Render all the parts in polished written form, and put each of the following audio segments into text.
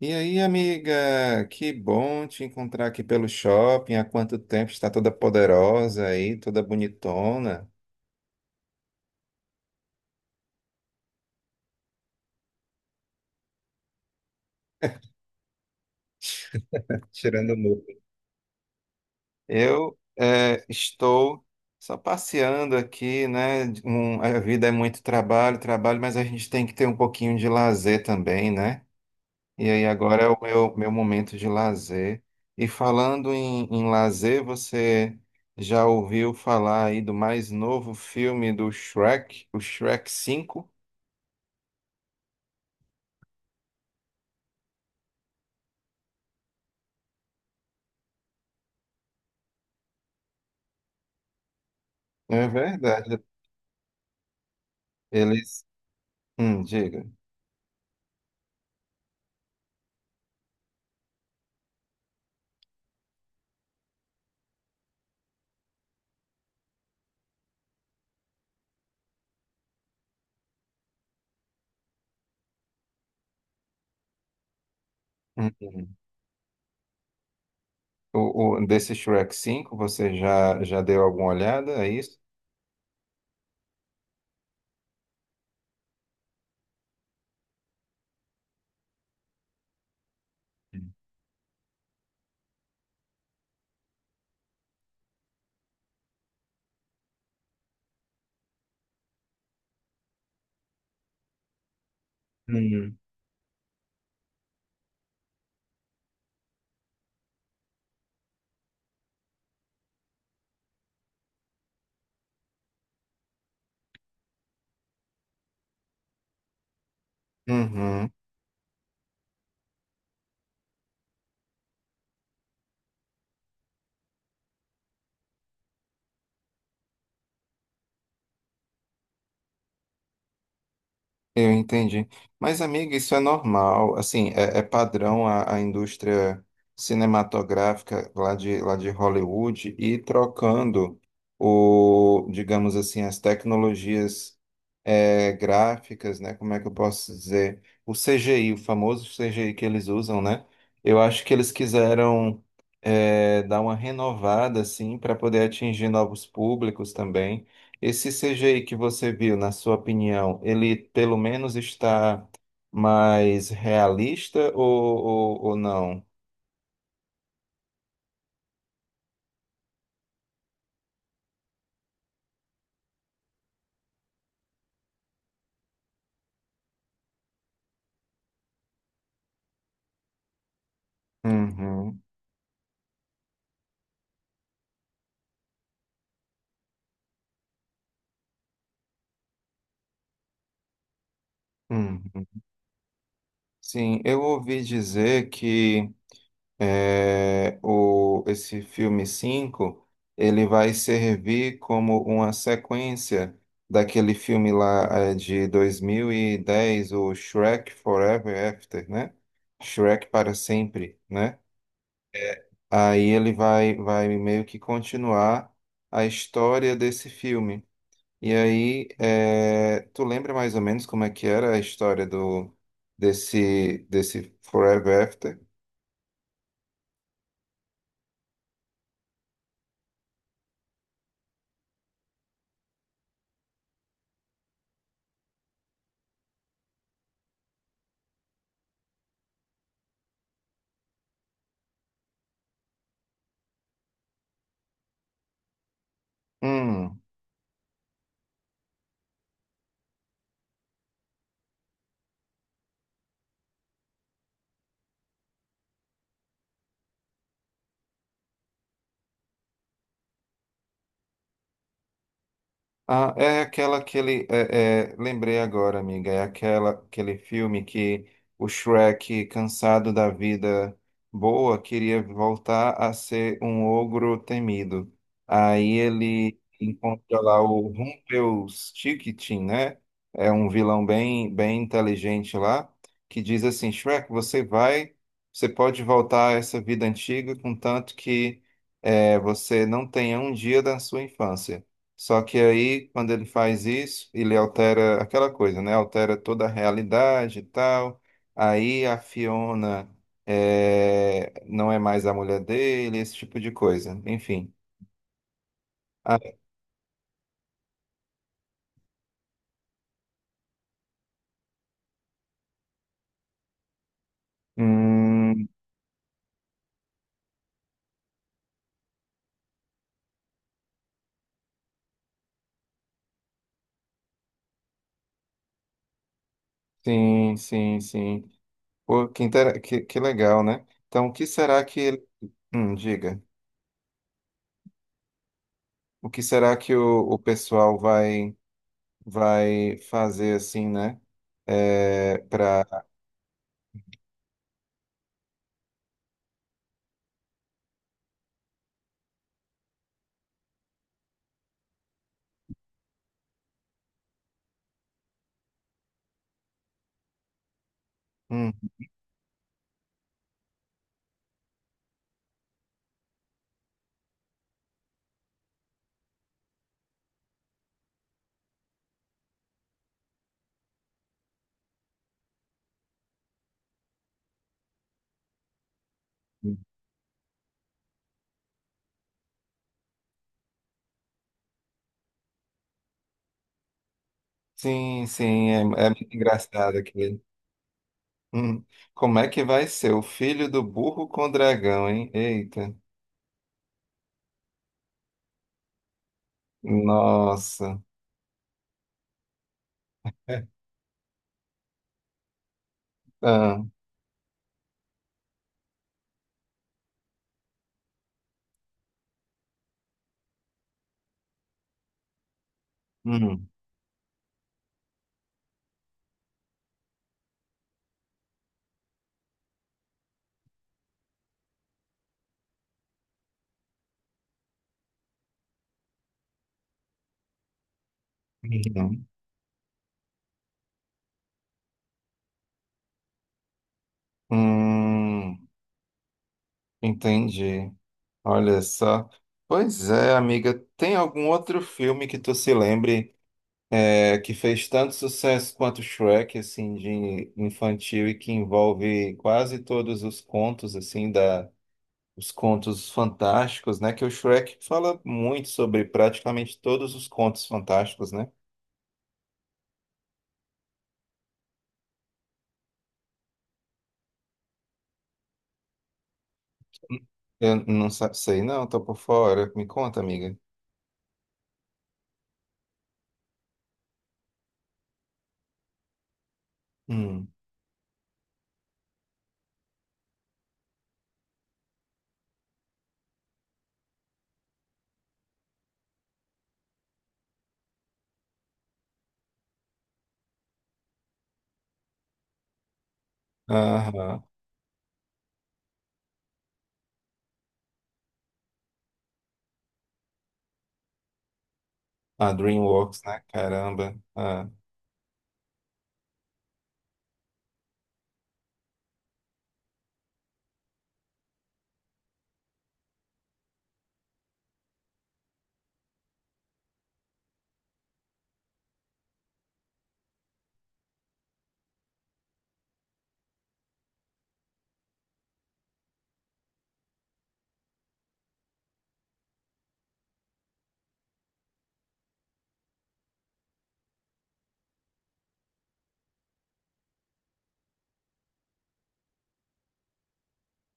E aí, amiga, que bom te encontrar aqui pelo shopping. Há quanto tempo está toda poderosa aí, toda bonitona, tirando o muro. Eu estou só passeando aqui, né? A vida é muito trabalho, trabalho, mas a gente tem que ter um pouquinho de lazer também, né? E aí agora é o meu momento de lazer. E falando em lazer, você já ouviu falar aí do mais novo filme do Shrek, o Shrek Cinco? É verdade. Eles. Diga. Hum, hum. Desse Shrek cinco você já deu alguma olhada? É isso? Hum. Uhum. Eu entendi. Mas, amiga, isso é normal. Assim, é padrão a indústria cinematográfica lá de Hollywood e trocando o, digamos assim, as tecnologias gráficas, né? Como é que eu posso dizer? O CGI, o famoso CGI que eles usam, né? Eu acho que eles quiseram dar uma renovada, assim, para poder atingir novos públicos também. Esse CGI que você viu, na sua opinião, ele pelo menos está mais realista ou não? Uhum, uhum. Sim, eu ouvi dizer que esse filme 5 ele vai servir como uma sequência daquele filme lá de 2010, o Shrek Forever After, né? Shrek para sempre, né? Aí ele vai meio que continuar a história desse filme. E aí, tu lembra mais ou menos como é que era a história do desse desse Forever After? Hum. Ah, é aquela que ele. Lembrei agora, amiga. É aquela, aquele filme que o Shrek, cansado da vida boa, queria voltar a ser um ogro temido. Aí ele encontra lá o Rumpelstiltskin, né? É um vilão bem, bem inteligente lá, que diz assim: Shrek, você vai. Você pode voltar a essa vida antiga, contanto que você não tenha um dia da sua infância. Só que aí, quando ele faz isso, ele altera aquela coisa, né? Altera toda a realidade e tal. Aí a Fiona não é mais a mulher dele, esse tipo de coisa. Enfim. Ah, hum, sim, sim, sim. Pô, que legal, né? Então, o que será que ele... Diga. O que será que o pessoal vai fazer assim, né? É, para Sim, sim, é muito engraçado aquilo. Hum, Como é que vai ser? O filho do burro com o dragão, hein? Eita. Nossa. É. Ah, hum, uhum. Hum, Entendi. Olha só. Pois é, amiga. Tem algum outro filme que tu se lembre que fez tanto sucesso quanto Shrek, assim, de infantil e que envolve quase todos os contos, assim, da os contos fantásticos, né? Que o Shrek fala muito sobre praticamente todos os contos fantásticos, né? Eu não sei, não, tô por fora. Me conta, amiga. Hum. Aham. A DreamWorks, né? Caramba. Ah,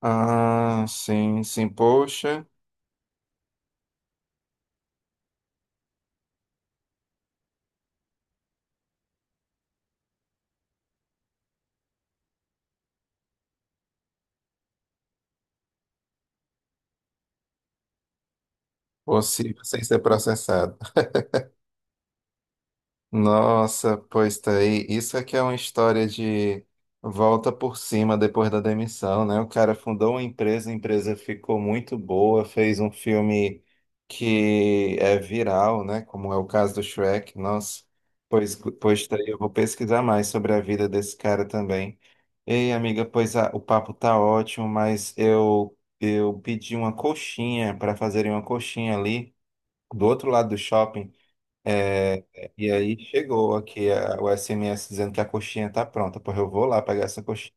Ah, sim, sim. Poxa, possível sem ser processado. Nossa, pois tá aí. Isso aqui é uma história de volta por cima depois da demissão, né? O cara fundou uma empresa, a empresa ficou muito boa, fez um filme que é viral, né? Como é o caso do Shrek. Nossa, pois, pois tá aí. Eu vou pesquisar mais sobre a vida desse cara também. Ei, amiga, pois o papo tá ótimo, mas eu pedi uma coxinha para fazerem uma coxinha ali do outro lado do shopping. E aí chegou aqui o SMS dizendo que a coxinha tá pronta. Porra, eu vou lá pegar essa coxinha.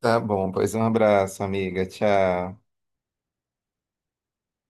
Tá bom, pois um abraço, amiga. Tchau.